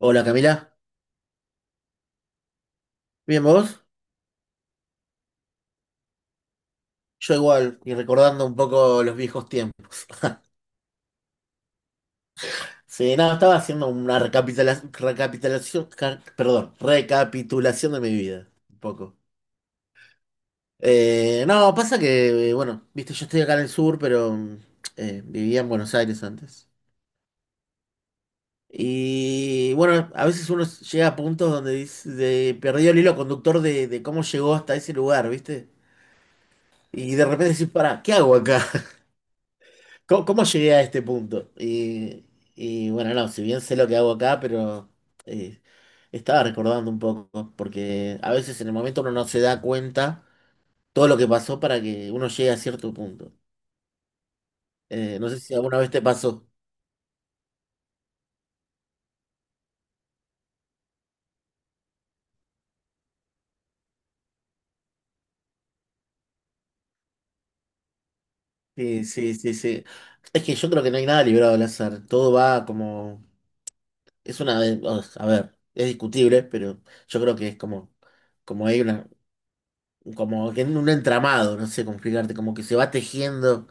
Hola Camila, ¿bien vos? Yo igual, y recordando un poco los viejos tiempos. Sí, nada, estaba haciendo una recapitulación, perdón, recapitulación de mi vida, un poco. No, pasa que, bueno, viste, yo estoy acá en el sur, pero vivía en Buenos Aires antes. Y bueno, a veces uno llega a puntos donde dice, perdió el hilo conductor de cómo llegó hasta ese lugar, ¿viste? Y de repente decís, pará, ¿qué hago acá? ¿Cómo, cómo llegué a este punto? Y bueno, no, si bien sé lo que hago acá, pero eh, estaba recordando un poco, porque a veces en el momento uno no se da cuenta todo lo que pasó para que uno llegue a cierto punto. No sé si alguna vez te pasó. Sí, sí, sí, sí. Es que yo creo que no hay nada librado al azar. Todo va como... Es una... A ver, es discutible, pero yo creo que es como... Como hay una... Como que en un entramado, no sé cómo explicarte, como que se va tejiendo.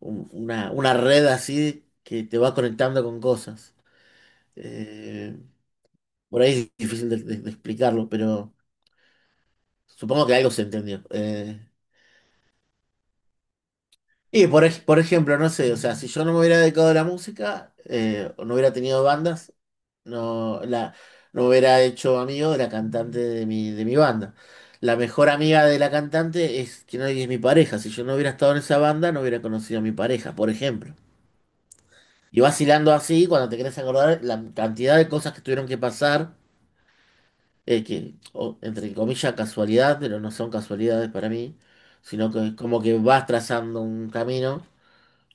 Una red así que te va conectando con cosas. Eh, por ahí es difícil de de explicarlo, pero supongo que algo se entendió. Y por, por ejemplo, no sé, o sea, si yo no me hubiera dedicado a la música, o no hubiera tenido bandas, no, la, no me hubiera hecho amigo de la cantante de mi banda. La mejor amiga de la cantante es que no es mi pareja. Si yo no hubiera estado en esa banda, no hubiera conocido a mi pareja, por ejemplo. Y vas hilando así, cuando te querés acordar, la cantidad de cosas que tuvieron que pasar, que, entre comillas, casualidad, pero no son casualidades para mí, sino que es como que vas trazando un camino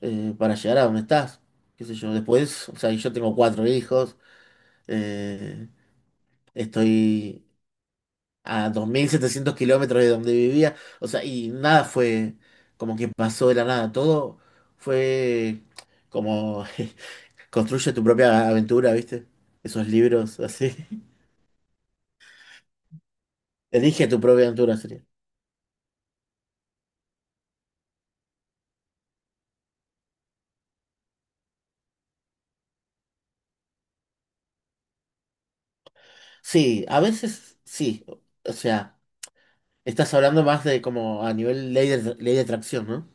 para llegar a donde estás. ¿Qué sé yo? Después, o sea, yo tengo cuatro hijos, eh, estoy a 2700 kilómetros de donde vivía, o sea, y nada fue como que pasó de la nada, todo fue como Construye tu propia aventura, ¿viste? Esos libros así. Elige tu propia aventura, sería. Sí, a veces sí. O sea, estás hablando más de como a nivel ley de atracción, ¿no?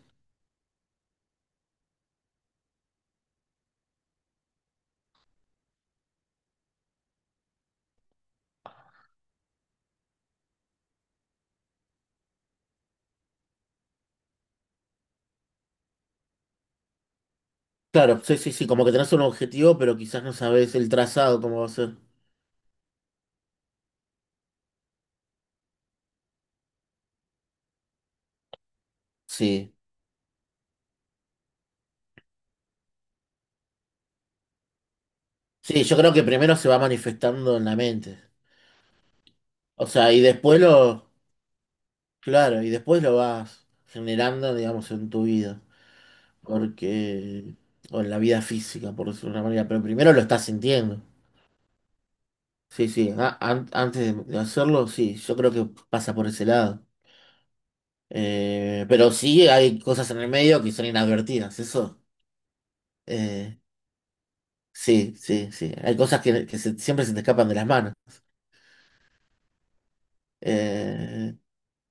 Claro, sí, sí, sí. Como que tenés un objetivo, pero quizás no sabes el trazado, cómo va a ser. Sí. Sí, yo creo que primero se va manifestando en la mente. O sea, y después lo. Claro, y después lo vas generando, digamos, en tu vida. Porque. O en la vida física, por decirlo de una manera. Pero primero lo estás sintiendo. Sí, sí, antes de hacerlo, sí, yo creo que pasa por ese lado. Pero sí hay cosas en el medio que son inadvertidas, eso. eh, sí, sí, sí. Hay cosas que, que siempre se te escapan de las manos. Eh,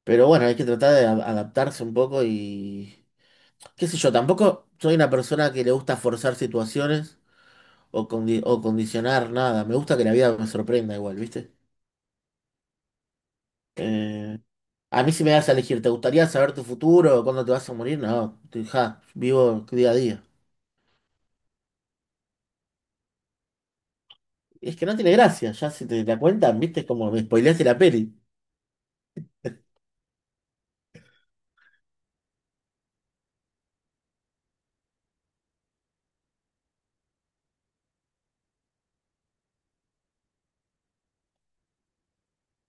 pero bueno, hay que tratar de adaptarse un poco y... qué sé yo, tampoco soy una persona que le gusta forzar situaciones o, condicionar nada. Me gusta que la vida me sorprenda igual, ¿viste? Eh, a mí si me das a elegir, ¿te gustaría saber tu futuro? ¿Cuándo te vas a morir? No, ja, vivo día a día. Es que no tiene gracia, ya si te la cuentan, viste, es como me spoileaste la peli.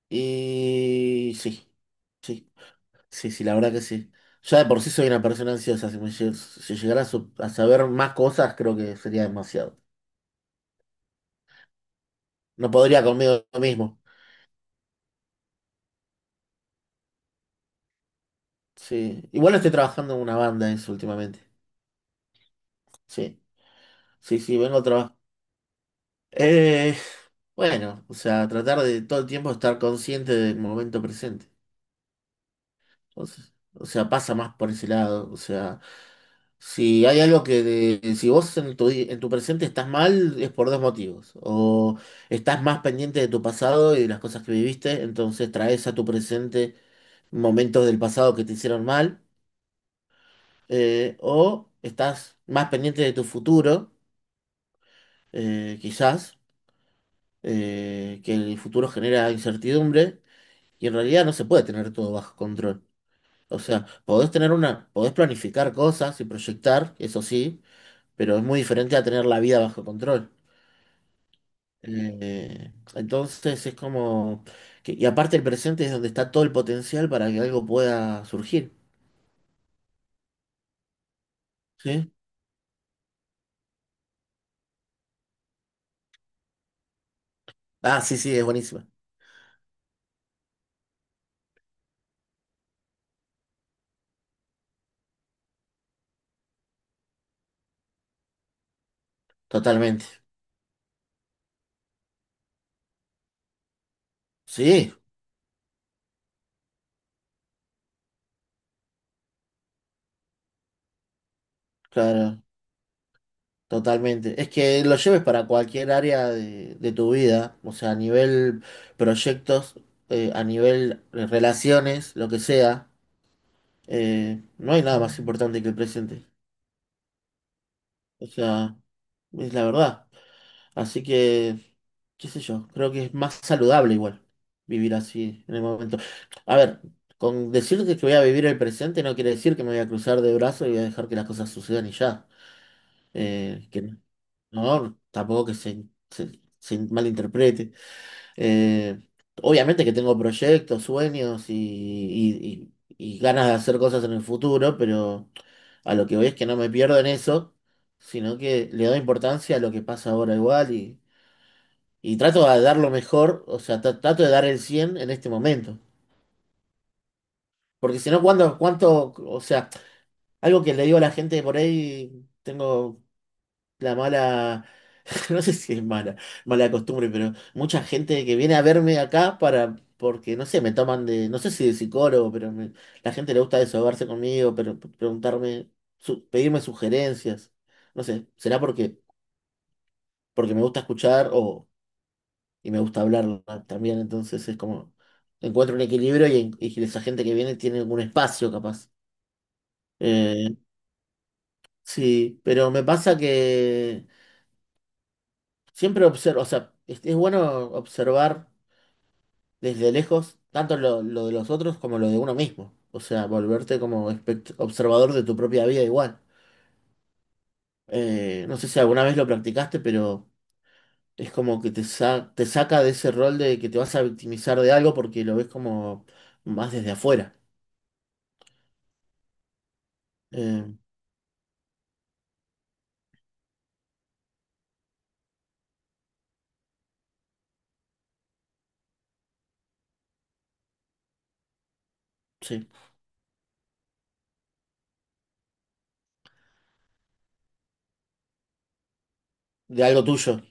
Y sí, sí, sí, sí, la verdad que sí. Ya de por sí soy una persona ansiosa, si si llegara a, a saber más cosas, creo que sería demasiado. No podría conmigo mismo. Sí, igual estoy trabajando en una banda eso últimamente. Sí, sí, sí, vengo a trabajar. Bueno, o sea, tratar de todo el tiempo estar consciente del momento presente. Entonces, o sea, pasa más por ese lado. O sea, si hay algo que, si vos en tu presente estás mal, es por dos motivos. O estás más pendiente de tu pasado y de las cosas que viviste, entonces traes a tu presente momentos del pasado que te hicieron mal. O estás más pendiente de tu futuro, quizás, que el futuro genera incertidumbre y en realidad no se puede tener todo bajo control. O sea, podés tener una, podés planificar cosas y proyectar, eso sí, pero es muy diferente a tener la vida bajo control. Entonces es como y aparte el presente es donde está todo el potencial para que algo pueda surgir, ¿sí? Ah, sí, sí, es buenísima. Totalmente. Sí, claro, totalmente. Es que lo lleves para cualquier área de tu vida, o sea, a nivel proyectos, a nivel relaciones, lo que sea. No hay nada más importante que el presente. O sea, es la verdad. Así que, qué sé yo, creo que es más saludable igual vivir así en el momento. A ver, con decirte que voy a vivir el presente no quiere decir que me voy a cruzar de brazos y voy a dejar que las cosas sucedan y ya. Que no, tampoco que se malinterprete. Eh, Obviamente que tengo proyectos, sueños y, y ganas de hacer cosas en el futuro, pero a lo que voy es que no me pierdo en eso, sino que le doy importancia a lo que pasa ahora igual y trato de dar lo mejor, o sea, trato de dar el 100 en este momento. Porque si no, ¿cuándo, cuánto, o sea, algo que le digo a la gente por ahí, tengo la mala, no sé si es mala, mala costumbre, pero mucha gente que viene a verme acá para, porque no sé, me toman de, no sé si de psicólogo, pero la gente le gusta desahogarse conmigo, pero preguntarme, pedirme sugerencias, no sé, será porque, porque me gusta escuchar o, y me gusta hablar también, entonces es como, encuentro un equilibrio y, y esa gente que viene tiene algún espacio capaz. Eh, sí, pero me pasa que siempre observo, o sea, es bueno observar. Desde lejos tanto lo de los otros como lo de uno mismo. O sea, volverte como observador de tu propia vida igual. No sé si alguna vez lo practicaste, pero es como que te, te saca de ese rol de que te vas a victimizar de algo porque lo ves como más desde afuera. Eh, sí, de algo tuyo.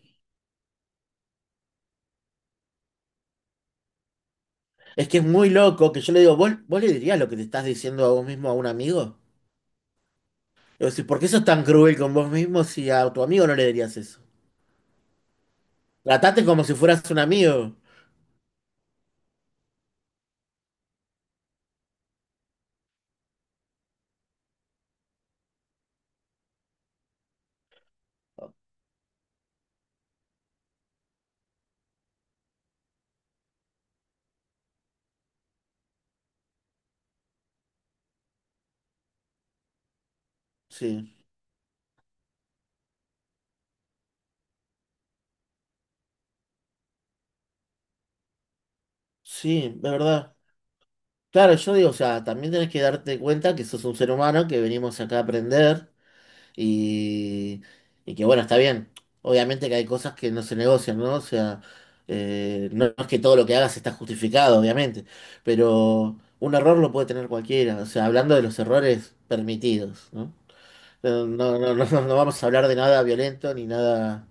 Es que es muy loco que yo le digo, ¿vos, vos le dirías lo que te estás diciendo a vos mismo a un amigo? Y vos decís, ¿por qué sos tan cruel con vos mismo si a tu amigo no le dirías eso? Tratate como si fueras un amigo. Sí. Sí, de verdad. Claro, yo digo, o sea, también tenés que darte cuenta que sos un ser humano, que venimos acá a aprender y, y que bueno, está bien. Obviamente que hay cosas que no se negocian, ¿no? O sea, no es que todo lo que hagas está justificado, obviamente, pero un error lo puede tener cualquiera. O sea, hablando de los errores permitidos, ¿no? No, no, no, no, no vamos a hablar de nada violento ni nada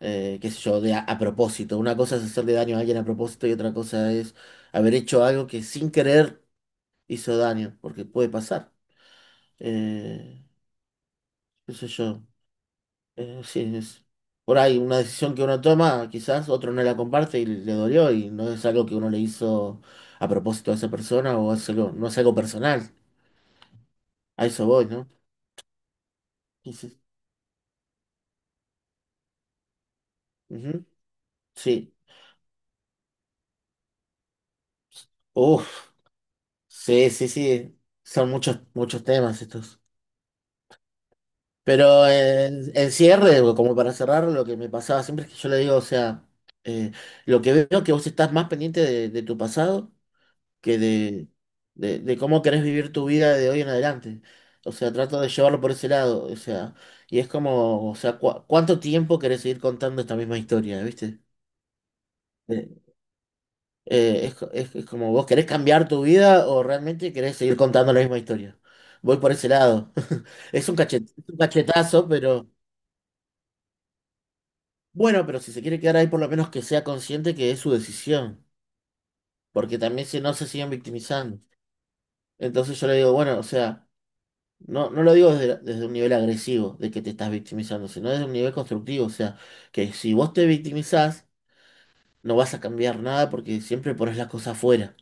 qué sé yo, de a propósito. Una cosa es hacerle daño a alguien a propósito y otra cosa es haber hecho algo que sin querer hizo daño, porque puede pasar. Eh, Qué sé yo, sí, es por ahí una decisión que uno toma, quizás otro no la comparte y le dolió y no es algo que uno le hizo a propósito a esa persona o es no es algo personal. A eso voy, ¿no? Sí, sí. Ujú. Sí. Uf. Sí, sí, sí. Son muchos, muchos temas estos. Pero en cierre, o como para cerrar, lo que me pasaba siempre es que yo le digo, o sea, eh, lo que veo que vos estás más pendiente de tu pasado que de, de cómo querés vivir tu vida de hoy en adelante. O sea, trato de llevarlo por ese lado. O sea, y es como, o sea, ¿cuánto tiempo querés seguir contando esta misma historia, ¿viste? Eh, es, es como, ¿vos querés cambiar tu vida o realmente querés seguir contando la misma historia? Voy por ese lado. Es un es un cachetazo, pero... Bueno, pero si se quiere quedar ahí, por lo menos que sea consciente que es su decisión, porque también si no se siguen victimizando. Entonces yo le digo, bueno, o sea, no, no lo digo desde, desde un nivel agresivo de que te estás victimizando, sino desde un nivel constructivo, o sea, que si vos te victimizás, no vas a cambiar nada porque siempre pones las cosas afuera.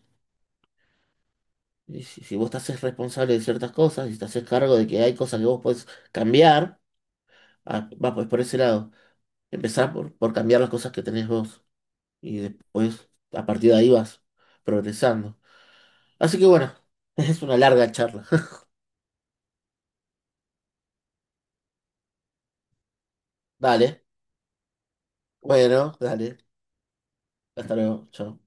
Y si, si vos te haces responsable de ciertas cosas, y te haces cargo de que hay cosas que vos podés cambiar, ah, va pues por ese lado. Empezar por cambiar las cosas que tenés vos y después a partir de ahí vas progresando. Así que bueno, es una larga charla. Dale, bueno, dale. Hasta luego, chao.